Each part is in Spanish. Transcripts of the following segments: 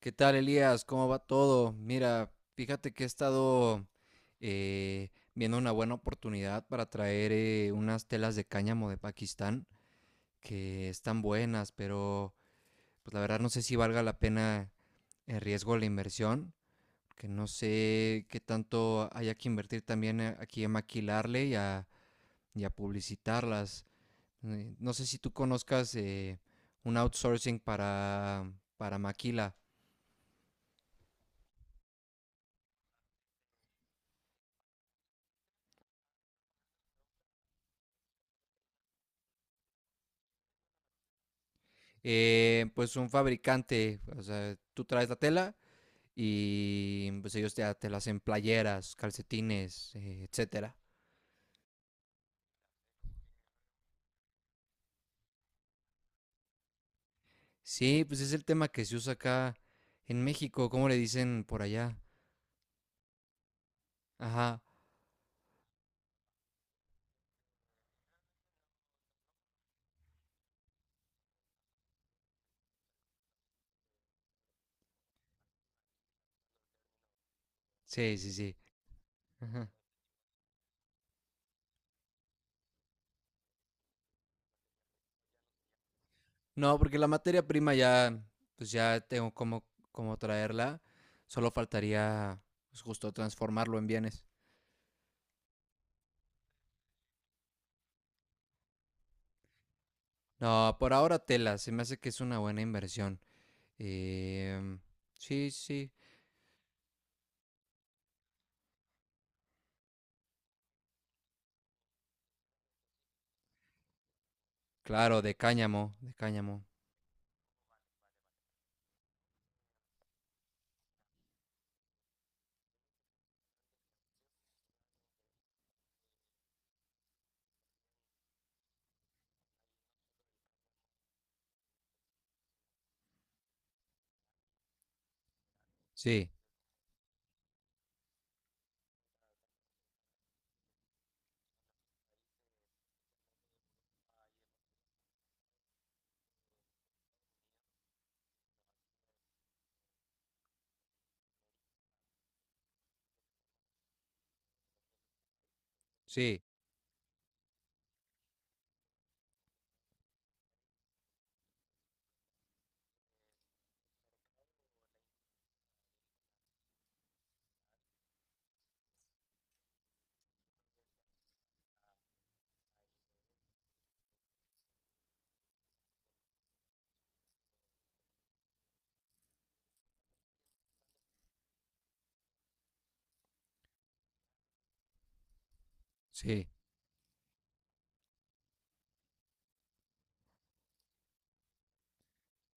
¿Qué tal, Elías? ¿Cómo va todo? Mira, fíjate que he estado viendo una buena oportunidad para traer unas telas de cáñamo de Pakistán que están buenas, pero pues la verdad no sé si valga la pena el riesgo de la inversión, que no sé qué tanto haya que invertir también aquí en maquilarle y a publicitarlas. No sé si tú conozcas un outsourcing para maquila. Pues un fabricante, o sea, tú traes la tela y pues ellos ya te la hacen playeras, calcetines, etcétera. Sí, pues es el tema que se usa acá en México, ¿cómo le dicen por allá? Ajá, sí, sí, sí. Ajá. No, porque la materia prima ya, pues ya tengo cómo traerla, solo faltaría pues, justo transformarlo en bienes. No, por ahora tela, se me hace que es una buena inversión. Em, sí, sí, claro, de cáñamo, de cáñamo. Sí, sí, sí,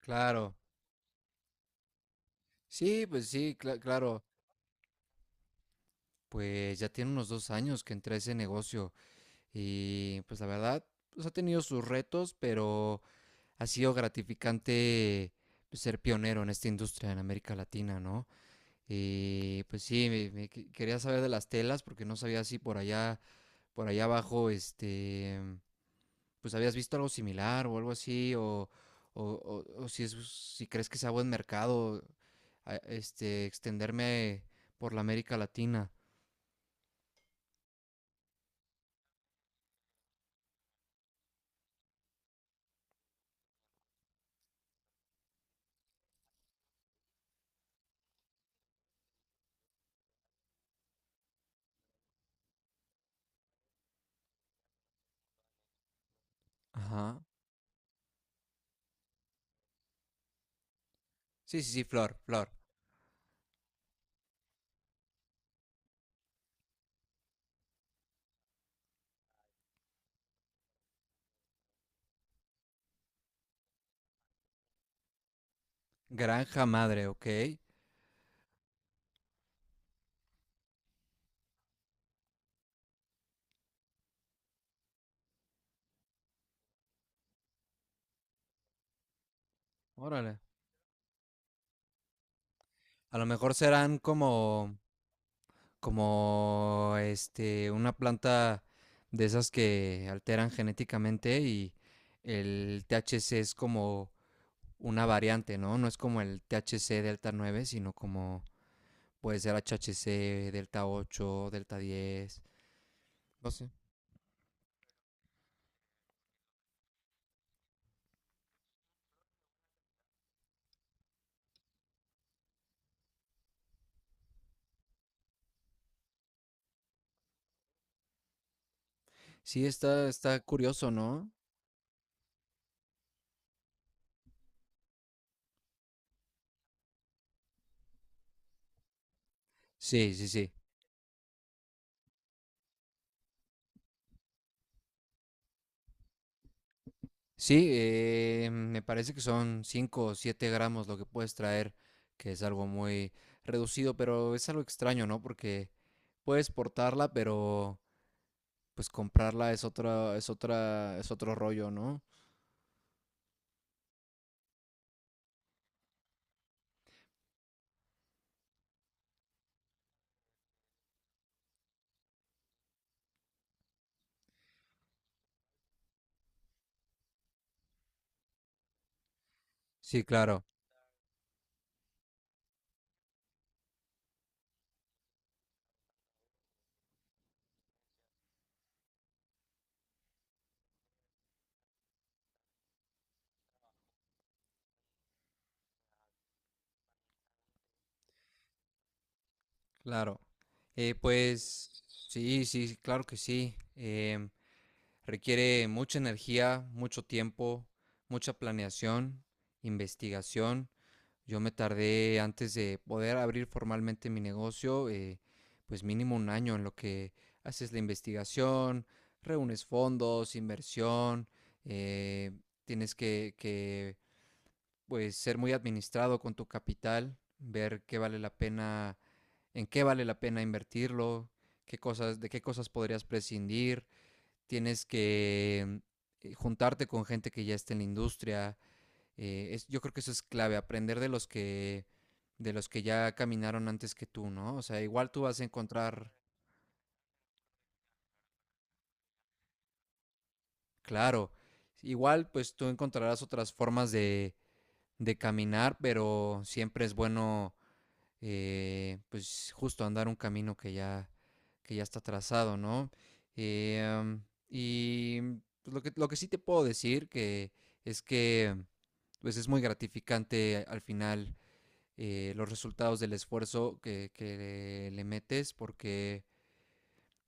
claro. Sí, pues sí, claro. Pues ya tiene unos 2 años que entré a ese negocio y pues la verdad, pues ha tenido sus retos, pero ha sido gratificante pues, ser pionero en esta industria en América Latina, ¿no? Y pues sí, me quería saber de las telas porque no sabía si por allá, por allá abajo, este, pues habías visto algo similar o algo así, o si es, si crees que sea buen mercado, este, extenderme por la América Latina. Ajá. Sí, sí, sí, Flor, Flor. Granja Madre, ok. Órale. A lo mejor serán como, este, una planta de esas que alteran genéticamente y el THC es como una variante, ¿no? No es como el THC Delta 9 sino como puede ser HHC, Delta 8 Delta 10. No sé. Sí, está curioso, ¿no? Sí, sí, sí. Sí, me parece que son 5 o 7 gramos lo que puedes traer, que es algo muy reducido, pero es algo extraño, ¿no? Porque puedes portarla, pero pues comprarla es otra, es otro rollo, ¿no? Sí, claro, claro. Pues sí, sí, claro que sí. Requiere mucha energía, mucho tiempo, mucha planeación, investigación. Yo me tardé antes de poder abrir formalmente mi negocio, pues mínimo un año en lo que haces la investigación, reúnes fondos, inversión, eh, tienes que, pues ser muy administrado con tu capital, ver qué vale la pena, en qué vale la pena invertirlo, qué cosas, de qué cosas podrías prescindir, tienes que juntarte con gente que ya esté en la industria. Yo creo que eso es clave, aprender de los que ya caminaron antes que tú, ¿no? O sea, igual tú vas a encontrar, claro, igual pues tú encontrarás otras formas de caminar, pero siempre es bueno pues justo andar un camino que ya está trazado, ¿no? Y pues, lo que sí te puedo decir que es que pues es muy gratificante al final los resultados del esfuerzo que le metes porque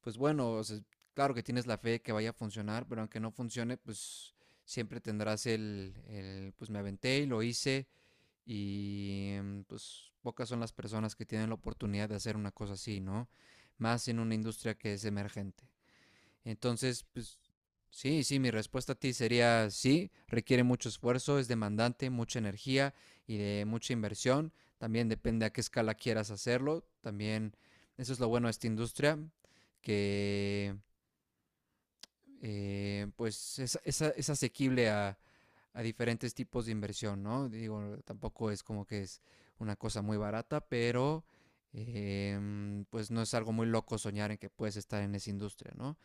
pues bueno, o sea, claro que tienes la fe que vaya a funcionar, pero aunque no funcione, pues siempre tendrás pues me aventé y lo hice y pues pocas son las personas que tienen la oportunidad de hacer una cosa así, ¿no? Más en una industria que es emergente. Entonces, pues sí, sí, mi respuesta a ti sería sí, requiere mucho esfuerzo, es demandante, mucha energía y de mucha inversión. También depende a qué escala quieras hacerlo. También eso es lo bueno de esta industria, que pues es asequible a diferentes tipos de inversión, ¿no? Digo, tampoco es como que es una cosa muy barata, pero pues no es algo muy loco soñar en que puedes estar en esa industria, ¿no?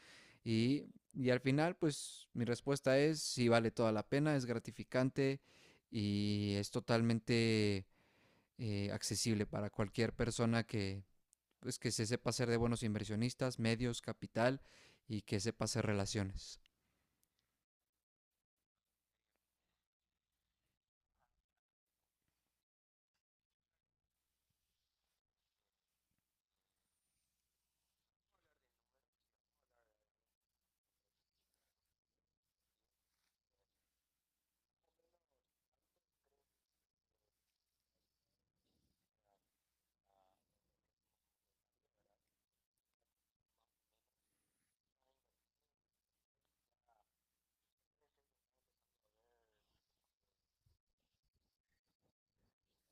Y, y al final, pues mi respuesta es, sí vale toda la pena, es gratificante y es totalmente accesible para cualquier persona que, pues, que se sepa hacer de buenos inversionistas, medios, capital y que sepa hacer relaciones.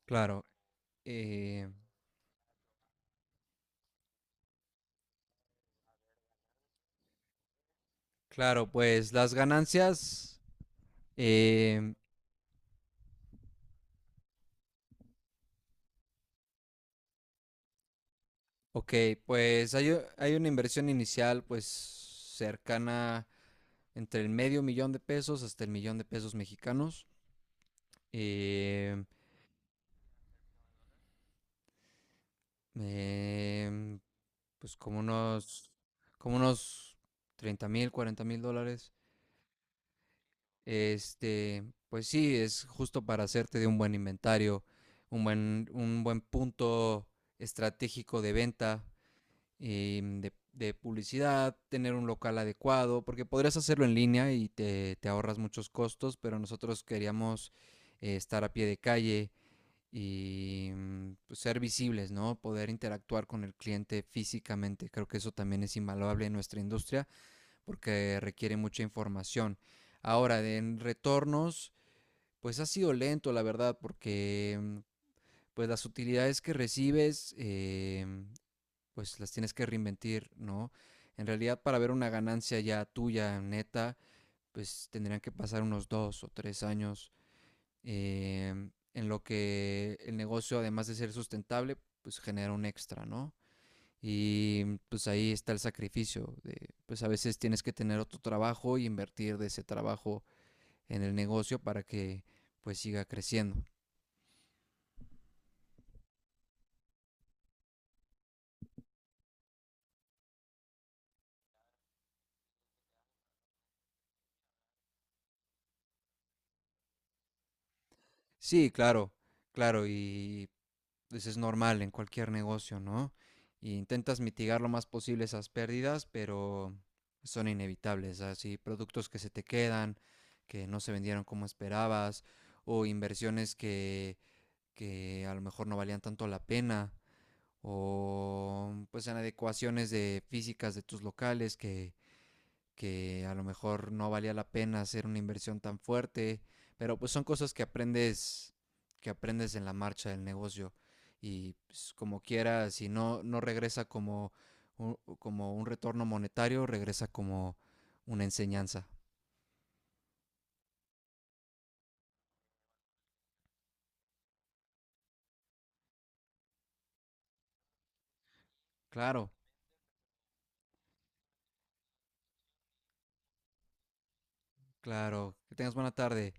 Claro, eh, claro, pues las ganancias, em, ok, pues hay, hay una inversión inicial pues cercana entre el medio millón de pesos hasta el millón de pesos mexicanos, em, em, pues como unos 30,000, 40,000 dólares, este, pues sí, es justo para hacerte de un buen inventario, un buen punto estratégico de venta de publicidad, tener un local adecuado, porque podrías hacerlo en línea y te ahorras muchos costos, pero nosotros queríamos estar a pie de calle y pues, ser visibles, ¿no? Poder interactuar con el cliente físicamente. Creo que eso también es invaluable en nuestra industria porque requiere mucha información. Ahora, en retornos, pues ha sido lento, la verdad, porque pues las utilidades que recibes, pues las tienes que reinventir, ¿no? En realidad para ver una ganancia ya tuya, neta, pues tendrían que pasar unos 2 o 3 años eh, en lo que el negocio, además de ser sustentable, pues genera un extra, ¿no? Y pues ahí está el sacrificio. De, pues a veces tienes que tener otro trabajo y invertir de ese trabajo en el negocio para que pues siga creciendo. Sí, claro, claro, y pues es normal en cualquier negocio, ¿no? Y intentas mitigar lo más posible esas pérdidas, pero son inevitables, así productos que se te quedan, que no se vendieron como esperabas, o inversiones que a lo mejor no valían tanto la pena, o pues en adecuaciones de físicas de tus locales que a lo mejor no valía la pena hacer una inversión tan fuerte, pero pues son cosas que aprendes en la marcha del negocio y pues, como quiera, si no no regresa como como un retorno monetario, regresa como una enseñanza. Claro, claro. Que tengas buena tarde.